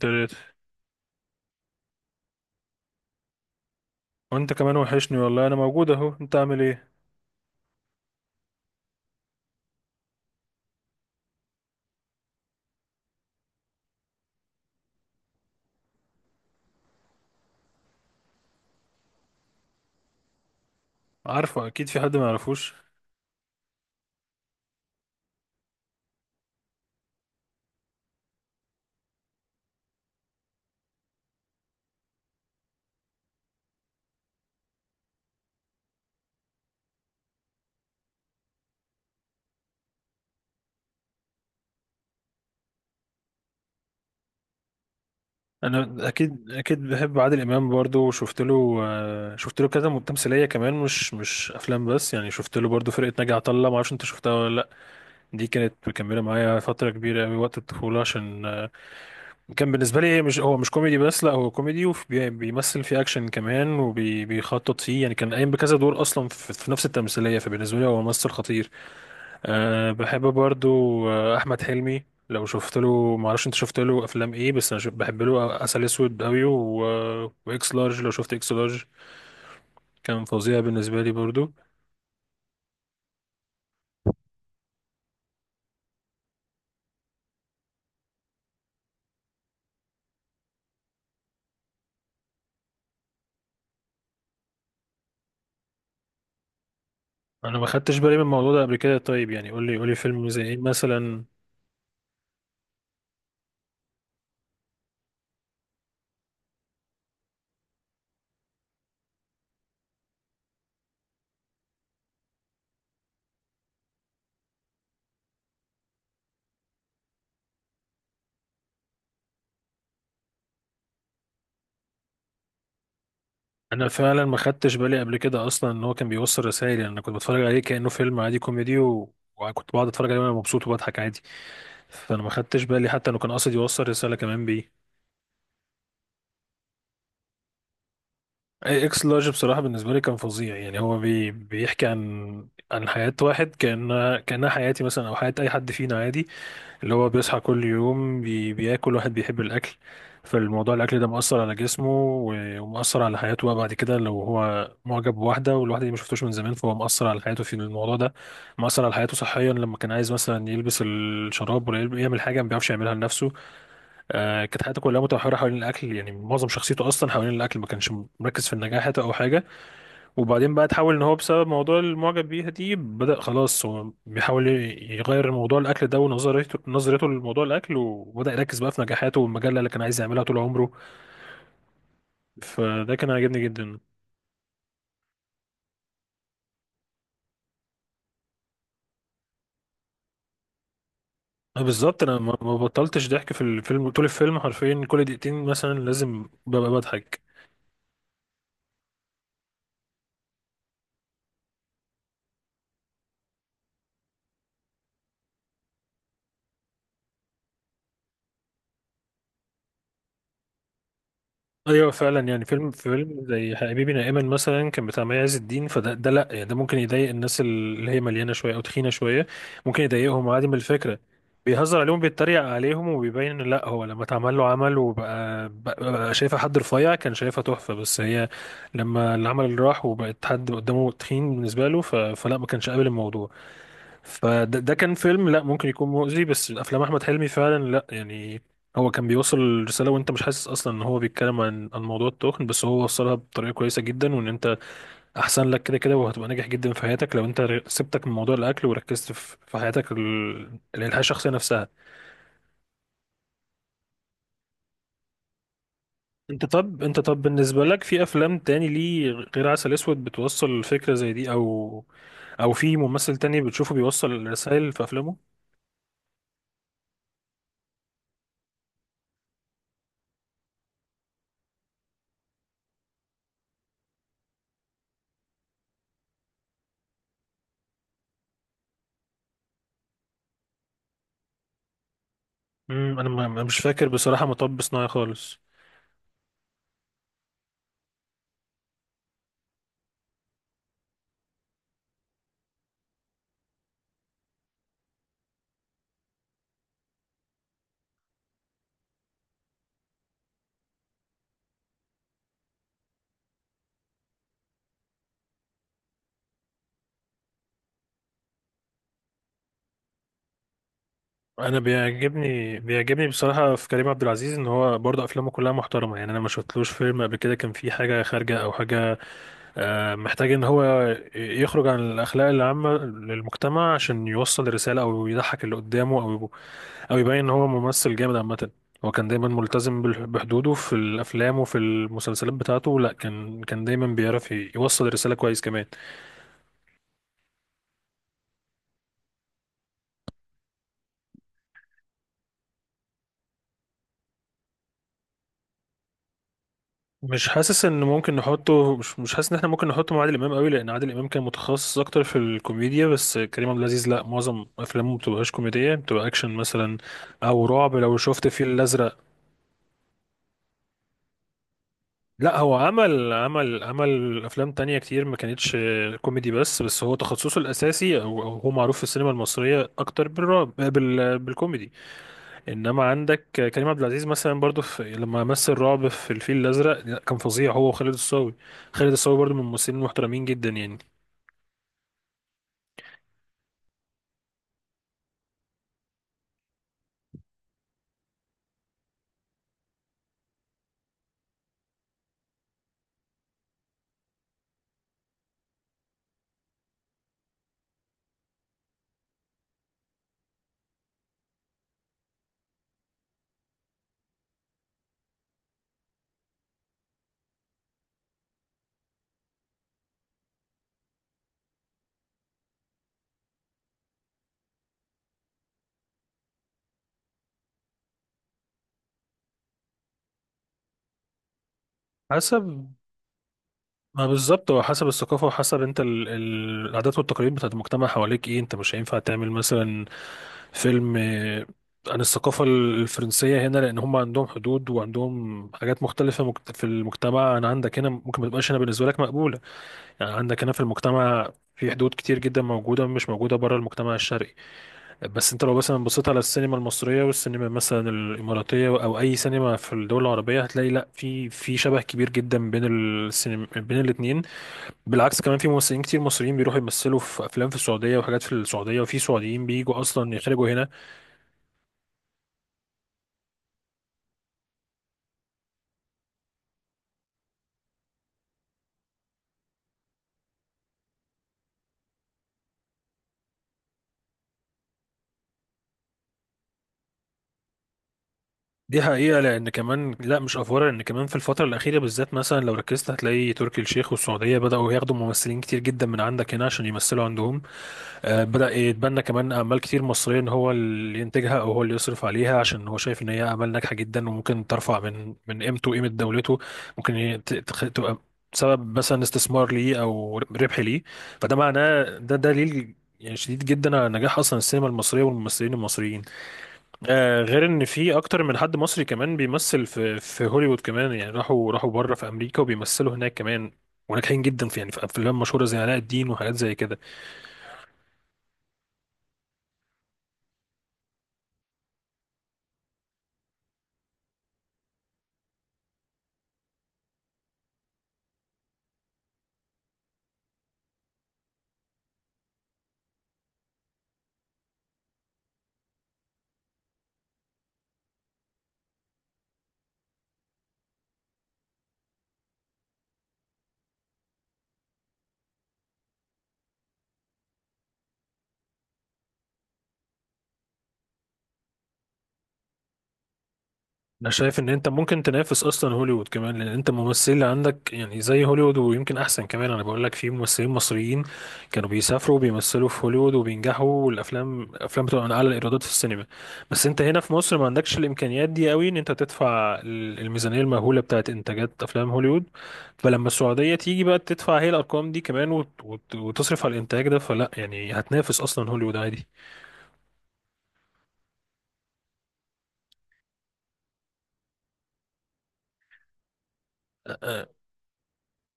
تلاتة. وانت كمان وحشني والله، انا موجود اهو. انت عامل ايه؟ عارفه، اكيد في حد ما يعرفوش؟ انا اكيد اكيد بحب عادل امام برضو، وشفت له آه، شفت له كذا تمثيليه كمان، مش افلام بس، يعني شفت له برضو فرقه ناجي عطا الله، ما اعرفش انت شفتها ولا لا. دي كانت مكمله معايا فتره كبيره قوي وقت الطفوله، عشان كان بالنسبه لي مش كوميدي بس، لا هو كوميدي وبيمثل فيه اكشن كمان وبيخطط فيه، يعني كان قايم بكذا دور اصلا في نفس التمثيليه، فبالنسبه لي هو ممثل خطير. أه، بحب برضو. احمد حلمي، لو شفت له، ما اعرفش انت شفت له افلام ايه، بس انا بحب له عسل اسود قوي واكس لارج، لو شفت اكس لارج كان فظيع بالنسبه لي برضو. انا ما خدتش بالي من الموضوع ده قبل كده، طيب يعني قول لي قول لي فيلم زي ايه مثلا؟ انا فعلا ما خدتش بالي قبل كده اصلا ان هو كان بيوصل رسائل، يعني انا كنت بتفرج عليه كانه فيلم عادي كوميدي وكنت بقعد اتفرج عليه وانا مبسوط وبضحك عادي، فانا ما خدتش بالي حتى انه كان قاصد يوصل رساله كمان بيه. اكس لارج بصراحة بالنسبة لي كان فظيع، يعني هو بيحكي عن حياة واحد، كأنها حياتي مثلا أو حياة أي حد فينا عادي، اللي هو بيصحى كل يوم بياكل، واحد بيحب الأكل، فالموضوع الأكل ده مؤثر على جسمه ومؤثر على حياته بقى. بعد كده لو هو معجب بواحدة والواحدة دي ما شفتوش من زمان فهو مؤثر على حياته في الموضوع ده، مؤثر على حياته صحيا لما كان عايز مثلا يلبس الشراب ولا يعمل حاجة ما بيعرفش يعملها لنفسه. كانت حياته كلها متمحورة حوالين الأكل، يعني معظم شخصيته أصلا حوالين الأكل، ما كانش مركز في النجاح حتى أو حاجة. وبعدين بقى تحول إن هو بسبب موضوع المعجب بيها دي بدأ خلاص هو بيحاول يغير موضوع الأكل ده ونظريته، نظريته لموضوع الأكل، وبدأ يركز بقى في نجاحاته والمجلة اللي كان عايز يعملها طول عمره، فده كان عاجبني جدا. بالظبط أنا ما بطلتش ضحك في الفيلم طول الفيلم حرفيا، كل دقيقتين مثلا لازم ببقى بضحك. ايوه فعلا، يعني فيلم زي حبيبي نائما مثلا كان بتاع مي عز الدين، فده لا يعني، ده ممكن يضايق الناس اللي هي مليانه شويه او تخينه شويه، ممكن يضايقهم عادي من الفكره. بيهزر عليهم، بيتريق عليهم، وبيبين ان لا، هو لما اتعمل له عمل وبقى بقى بقى شايفه حد رفيع كان شايفها تحفه، بس هي لما العمل اللي راح وبقت حد قدامه تخين بالنسبه له، فلا، ما كانش قابل الموضوع، فده كان فيلم لا ممكن يكون مؤذي. بس الافلام احمد حلمي فعلا لا يعني، هو كان بيوصل الرساله وانت مش حاسس اصلا ان هو بيتكلم عن موضوع التخن، بس هو وصلها بطريقه كويسه جدا، وان انت احسن لك كده كده وهتبقى ناجح جدا في حياتك لو انت سبتك من موضوع الاكل وركزت في حياتك، الحياه الشخصيه نفسها. انت طب بالنسبه لك في افلام تاني ليه غير عسل اسود بتوصل فكره زي دي، او او في ممثل تاني بتشوفه بيوصل رسائل في افلامه؟ انا مش فاكر بصراحه مطب صناعي خالص. انا بيعجبني بصراحه في كريم عبد العزيز ان هو برضه افلامه كلها محترمه، يعني انا ما شفتلوش فيلم قبل كده كان فيه حاجه خارجه او حاجه محتاج ان هو يخرج عن الاخلاق العامه للمجتمع عشان يوصل رساله او يضحك اللي قدامه او او يبين ان هو ممثل جامد عامه. هو كان دايما ملتزم بحدوده في الافلام وفي المسلسلات بتاعته، لا كان دايما بيعرف يوصل الرساله كويس كمان. مش حاسس ان ممكن نحطه مش مش حاسس ان احنا ممكن نحطه مع عادل امام قوي، لان عادل امام كان متخصص اكتر في الكوميديا، بس كريم عبد العزيز لا، معظم افلامه ما بتبقاش كوميديه، بتبقى اكشن مثلا او رعب، لو شفت الفيل الازرق. لا، هو عمل افلام تانية كتير ما كانتش كوميدي بس هو تخصصه الاساسي، او هو معروف في السينما المصريه اكتر بالرعب بالكوميدي. انما عندك كريم عبد العزيز مثلا برضو، في لما مثل رعب في الفيل الازرق، لا، كان فظيع هو وخالد الصاوي. خالد الصاوي برضو من الممثلين المحترمين جدا يعني. حسب ما، بالظبط، هو حسب الثقافة وحسب انت العادات والتقاليد بتاعت المجتمع حواليك، ايه، انت مش هينفع تعمل مثلا فيلم عن الثقافة الفرنسية هنا، لأن هم عندهم حدود وعندهم حاجات مختلفة في المجتمع عن عندك هنا، ممكن ما تبقاش هنا بالنسبة لك مقبولة. يعني عندك هنا في المجتمع في حدود كتير جدا موجودة مش موجودة بره المجتمع الشرقي، بس انت لو مثلا بصيت على السينما المصرية والسينما مثلا الإماراتية أو أي سينما في الدول العربية، هتلاقي لا، في في شبه كبير جدا بين السينما بين الاتنين. بالعكس كمان، في ممثلين كتير مصريين بيروحوا يمثلوا في أفلام في السعودية وحاجات في السعودية، وفي سعوديين بيجوا أصلا يخرجوا هنا. دي حقيقة، لأن كمان لا، مش أفورة، لأن كمان في الفترة الأخيرة بالذات مثلا لو ركزت هتلاقي تركي الشيخ والسعودية بدأوا ياخدوا ممثلين كتير جدا من عندك هنا عشان يمثلوا عندهم. بدأ يتبنى كمان أعمال كتير مصرية إن هو اللي ينتجها أو هو اللي يصرف عليها، عشان هو شايف إن هي أعمال ناجحة جدا وممكن ترفع من قيمته وقيمة دولته، ممكن تبقى سبب مثلا استثمار ليه أو ربح ليه، فده معناه، ده دليل يعني شديد جدا على نجاح أصلا السينما المصرية والممثلين المصريين. آه، غير إن في أكتر من حد مصري كمان بيمثل في هوليوود كمان، يعني راحوا بره في أمريكا وبيمثلوا هناك كمان، وناجحين جدا في، يعني في أفلام مشهورة زي علاء الدين وحاجات زي كده. انا شايف ان انت ممكن تنافس اصلا هوليوود كمان، لان انت الممثلين اللي عندك يعني زي هوليوود ويمكن احسن كمان. انا بقول لك في ممثلين مصريين كانوا بيسافروا وبيمثلوا في هوليوود وبينجحوا، والافلام بتبقى من اعلى الايرادات في السينما. بس انت هنا في مصر ما عندكش الامكانيات دي قوي ان انت تدفع الميزانيه المهوله بتاعت انتاجات افلام هوليوود، فلما السعوديه تيجي بقى تدفع هي الارقام دي كمان وتصرف على الانتاج ده، فلا يعني هتنافس اصلا هوليوود عادي.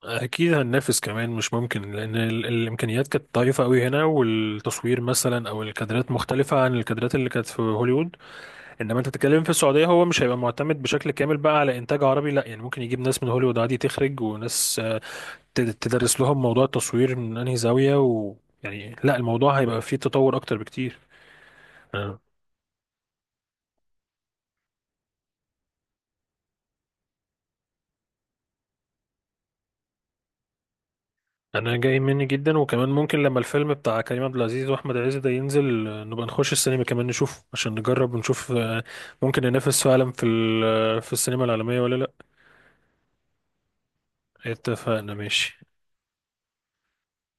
اكيد هننافس كمان، مش ممكن، لان الامكانيات كانت ضعيفه قوي هنا، والتصوير مثلا او الكادرات مختلفه عن الكادرات اللي كانت في هوليوود، انما انت بتتكلم في السعوديه، هو مش هيبقى معتمد بشكل كامل بقى على انتاج عربي، لا يعني ممكن يجيب ناس من هوليوود عادي تخرج، وناس تدرس لهم موضوع التصوير من انهي زاويه، ويعني لا، الموضوع هيبقى فيه تطور اكتر بكتير. انا جاي مني جدا، وكمان ممكن لما الفيلم بتاع كريم عبد العزيز واحمد عز ده ينزل، نبقى نخش السينما كمان نشوفه عشان نجرب ونشوف ممكن ننافس فعلا في في السينما العالمية ولا لا. اتفقنا، ماشي.